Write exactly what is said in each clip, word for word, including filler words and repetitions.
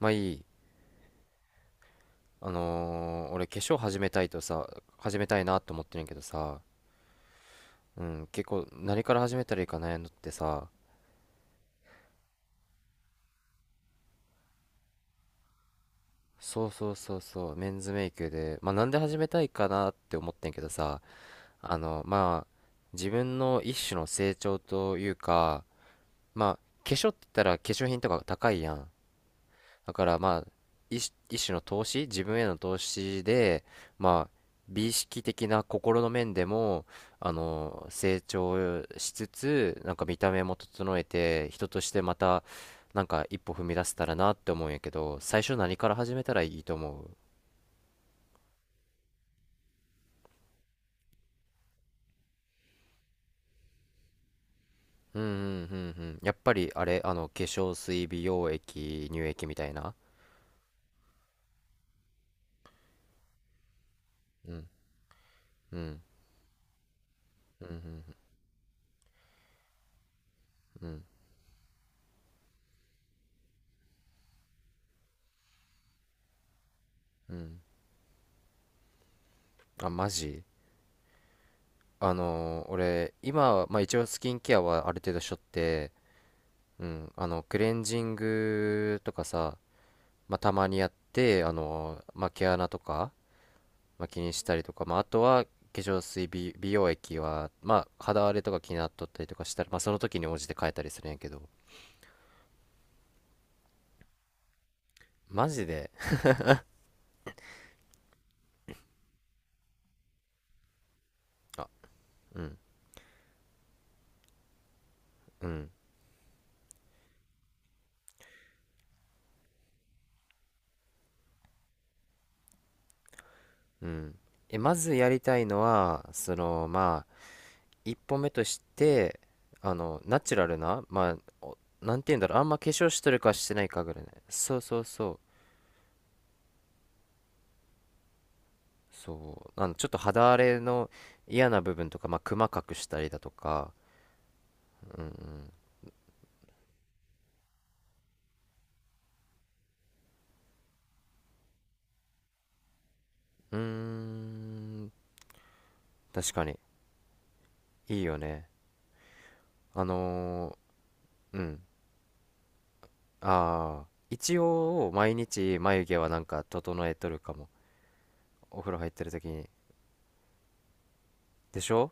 まあいい。あのー俺化粧始めたいとさ、始めたいなと思ってるんやけどさ、うん、結構何から始めたらいいか悩んどってさ、そうそうそうそう、メンズメイクで、まあなんで始めたいかなって思ってんけどさ、あの、まあ、自分の一種の成長というか、まあ、化粧って言ったら化粧品とか高いやん。だからまあ一、一種の投資、自分への投資で、まあ、美意識的な心の面でも、あの、成長しつつ、なんか見た目も整えて、人としてまた、なんか一歩踏み出せたらなって思うんやけど、最初何から始めたらいいと思う？うんうんうんうん。やっぱりあれ、あの、化粧水、美容液、乳液みたいな。うんうんうんうんうんうん。あ、マジ。あのー俺今は、まあ、一応スキンケアはある程度しとって、うん、あのクレンジングとかさ、まあ、たまにやってあのー、まあ、毛穴とか、まあ、気にしたりとか、まあ、あとは化粧水美、美容液は、まあ、肌荒れとか気になっとったりとかしたら、まあ、その時に応じて変えたりするんやけど。マジで。あ。うんうんうん。えまずやりたいのはそのまあ一歩目として、あのナチュラルな、まあ、おなんて言うんだろう、あんま化粧しとるかしてないかぐらいね。そうそうそうそう。あのちょっと肌荒れの嫌な部分とか、まあクマ隠したりだとか。うーん、確かにいいよね。あのーうん。ああー、一応毎日眉毛はなんか整えとるかも。お風呂入ってる時に。でしょ。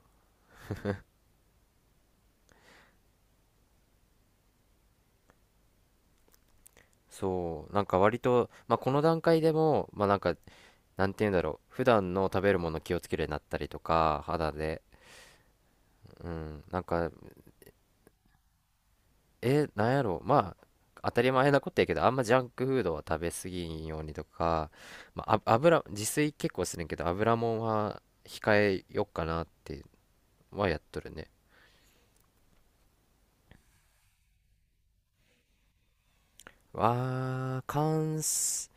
そう、なんか割とまあこの段階でもまあなんか、なんて言うんだろう、普段の食べるもの気をつけるようになったりとか、肌で、うん、なんか、え、なんやろう、まあ、当たり前なことやけど、あんまジャンクフードは食べ過ぎんようにとか、まあ、あ油、自炊結構するんけど、油もんは控えよっかなってはやっとるね。わー、乾す、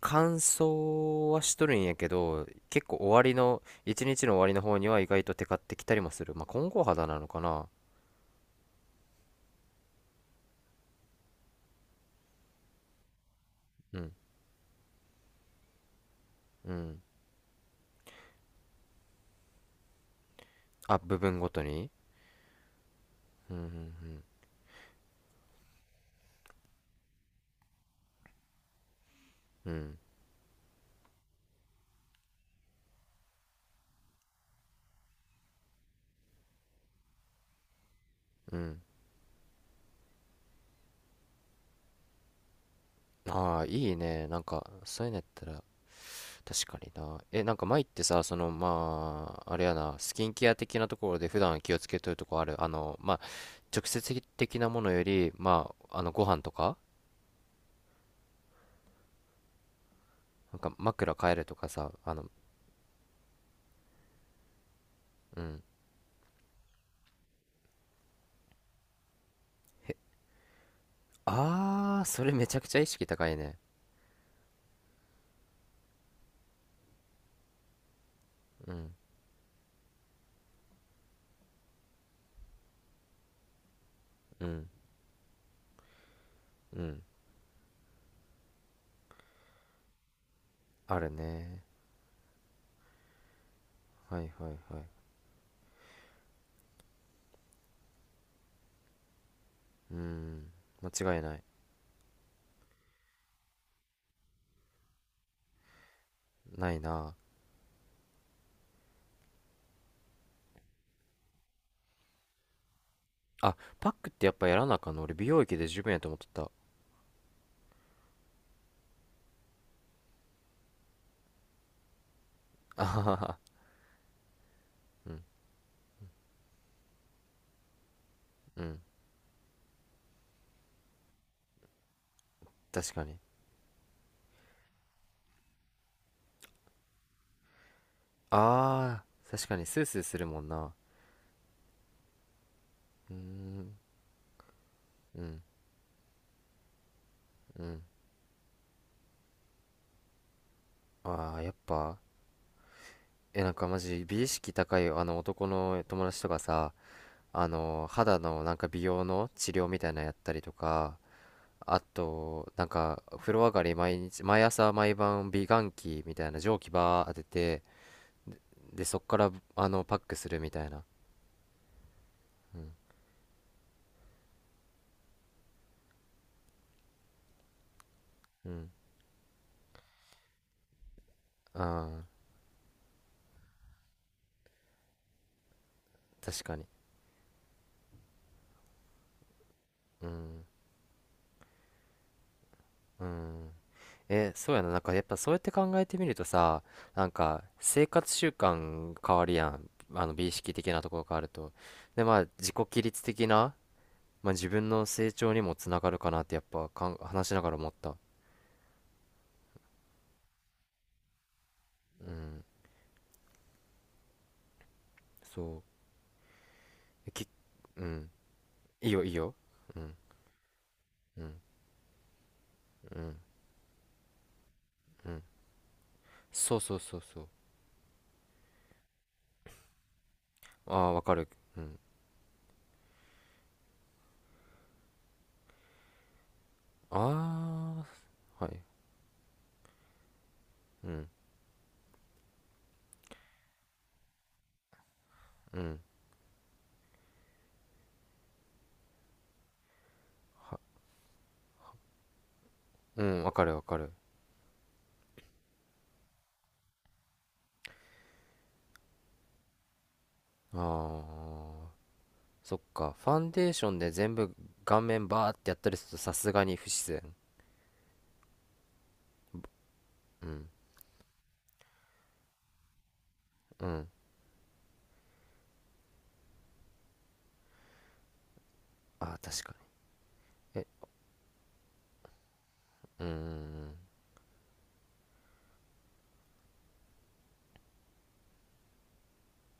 乾燥はしとるんやけど、結構終わりの、一日の終わりの方には意外とテカってきたりもする。まあ、混合肌なのかな？うん、うん。あ、部分ごとに。うんうんうんうんうん。ああー、いいね、なんかそういうのやったら。確かにな、え、なんか前ってさ、そのまああれやな、スキンケア的なところで普段気をつけとるとこある？あのまあ直接的なものよりまあ、あのご飯とか、なんか枕変えるとかさあのうん。ああー、それめちゃくちゃ意識高いね。うんうんうん。あるね。はいはいはい。うん。間違いない。ないな。あ、パックってやっぱやらなあかんの？俺美容液で十分やと思っとった。あははは。うん、うん。確かに。ああ、確かにスースーするもんな。うーん、うん、うん。ああ、やっぱ、え、なんかマジ美意識高いあの男の友達とかさ、あの、肌のなんか美容の治療みたいなのやったりとか、あと、なんか、風呂上がり毎日、毎朝毎晩美顔器みたいな蒸気バー当てて、で、そっから、あの、パックするみたいな。うん、うん。ああ、確かに。うん、うん。え、そうやな。なんかやっぱそうやって考えてみるとさ、なんか生活習慣変わるやん。あの美意識的なところ変わると。で、まあ自己規律的な、まあ自分の成長にもつながるかなってやっぱかん話しながら思った。うん、そう。えき、うん。いいよ、いいよ。うん、うん、うん、うん。そうそうそうそう。ああ、わかる。うん。ああ、はい。うん、うん、うん、わかるわかる。あー、そっか。ファンデーションで全部顔面バーってやったりするとさすがに不自然。うん。うん。あー、確かに。え、うーん。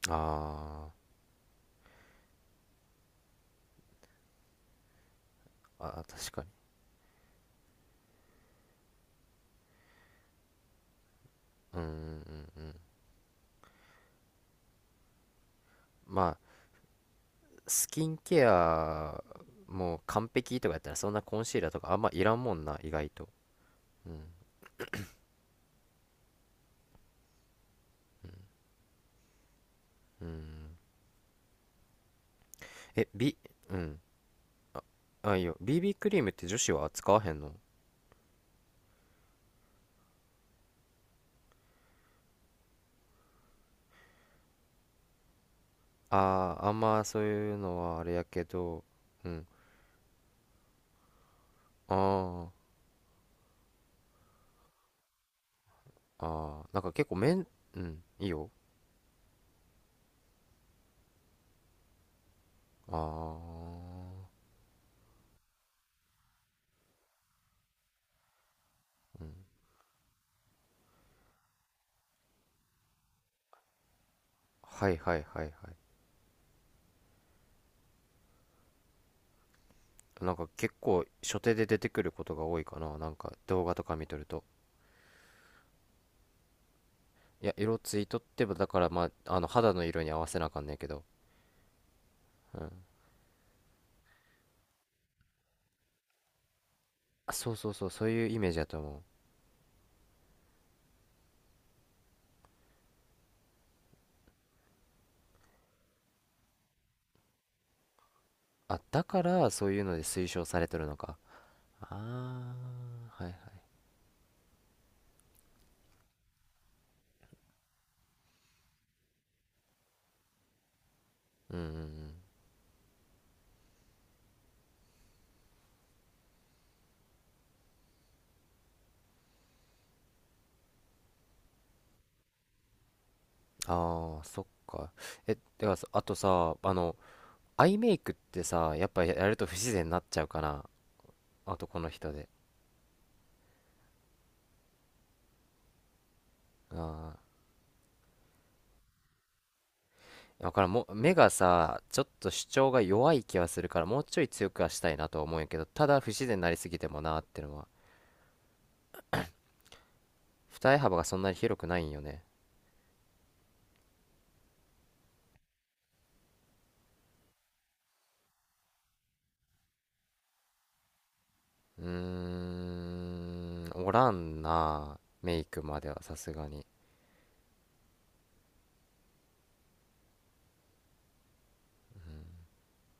あー、あー、確かに。うん、うん、うんうん。まあ、スキンケアもう完璧とかやったらそんなコンシーラーとかあんまいらんもんな、意外と。うん、うん。え、B、うん。あ、いいよ。b クリームって女子は使わへんの？ああー、あんまそういうのはあれやけど、うん。あー。ああ、なんか結構めん、うん、いいよ。ああ、はいはいはいはい。なんか結構初手で出てくることが多いかな。なんか動画とか見とると。いや、色ついとってば、だからまあ、あの肌の色に合わせなあかんねんけど。うん。あ、そうそうそう、そういうイメージやと思う。あ、だからそういうので推奨されてるのか。ああ、はいはい。うんうんうん。ああ、そっか。え、ではさ、あとさ、あの、アイメイクってさ、やっぱやると不自然になっちゃうかな？男の人で。ああ、わからん。もう、目がさ、ちょっと主張が弱い気はするから、もうちょい強くはしたいなとは思うんやけど、ただ不自然になりすぎてもなーってのは。二重幅がそんなに広くないんよね。うーん、おらんな。メイクまではさすがに。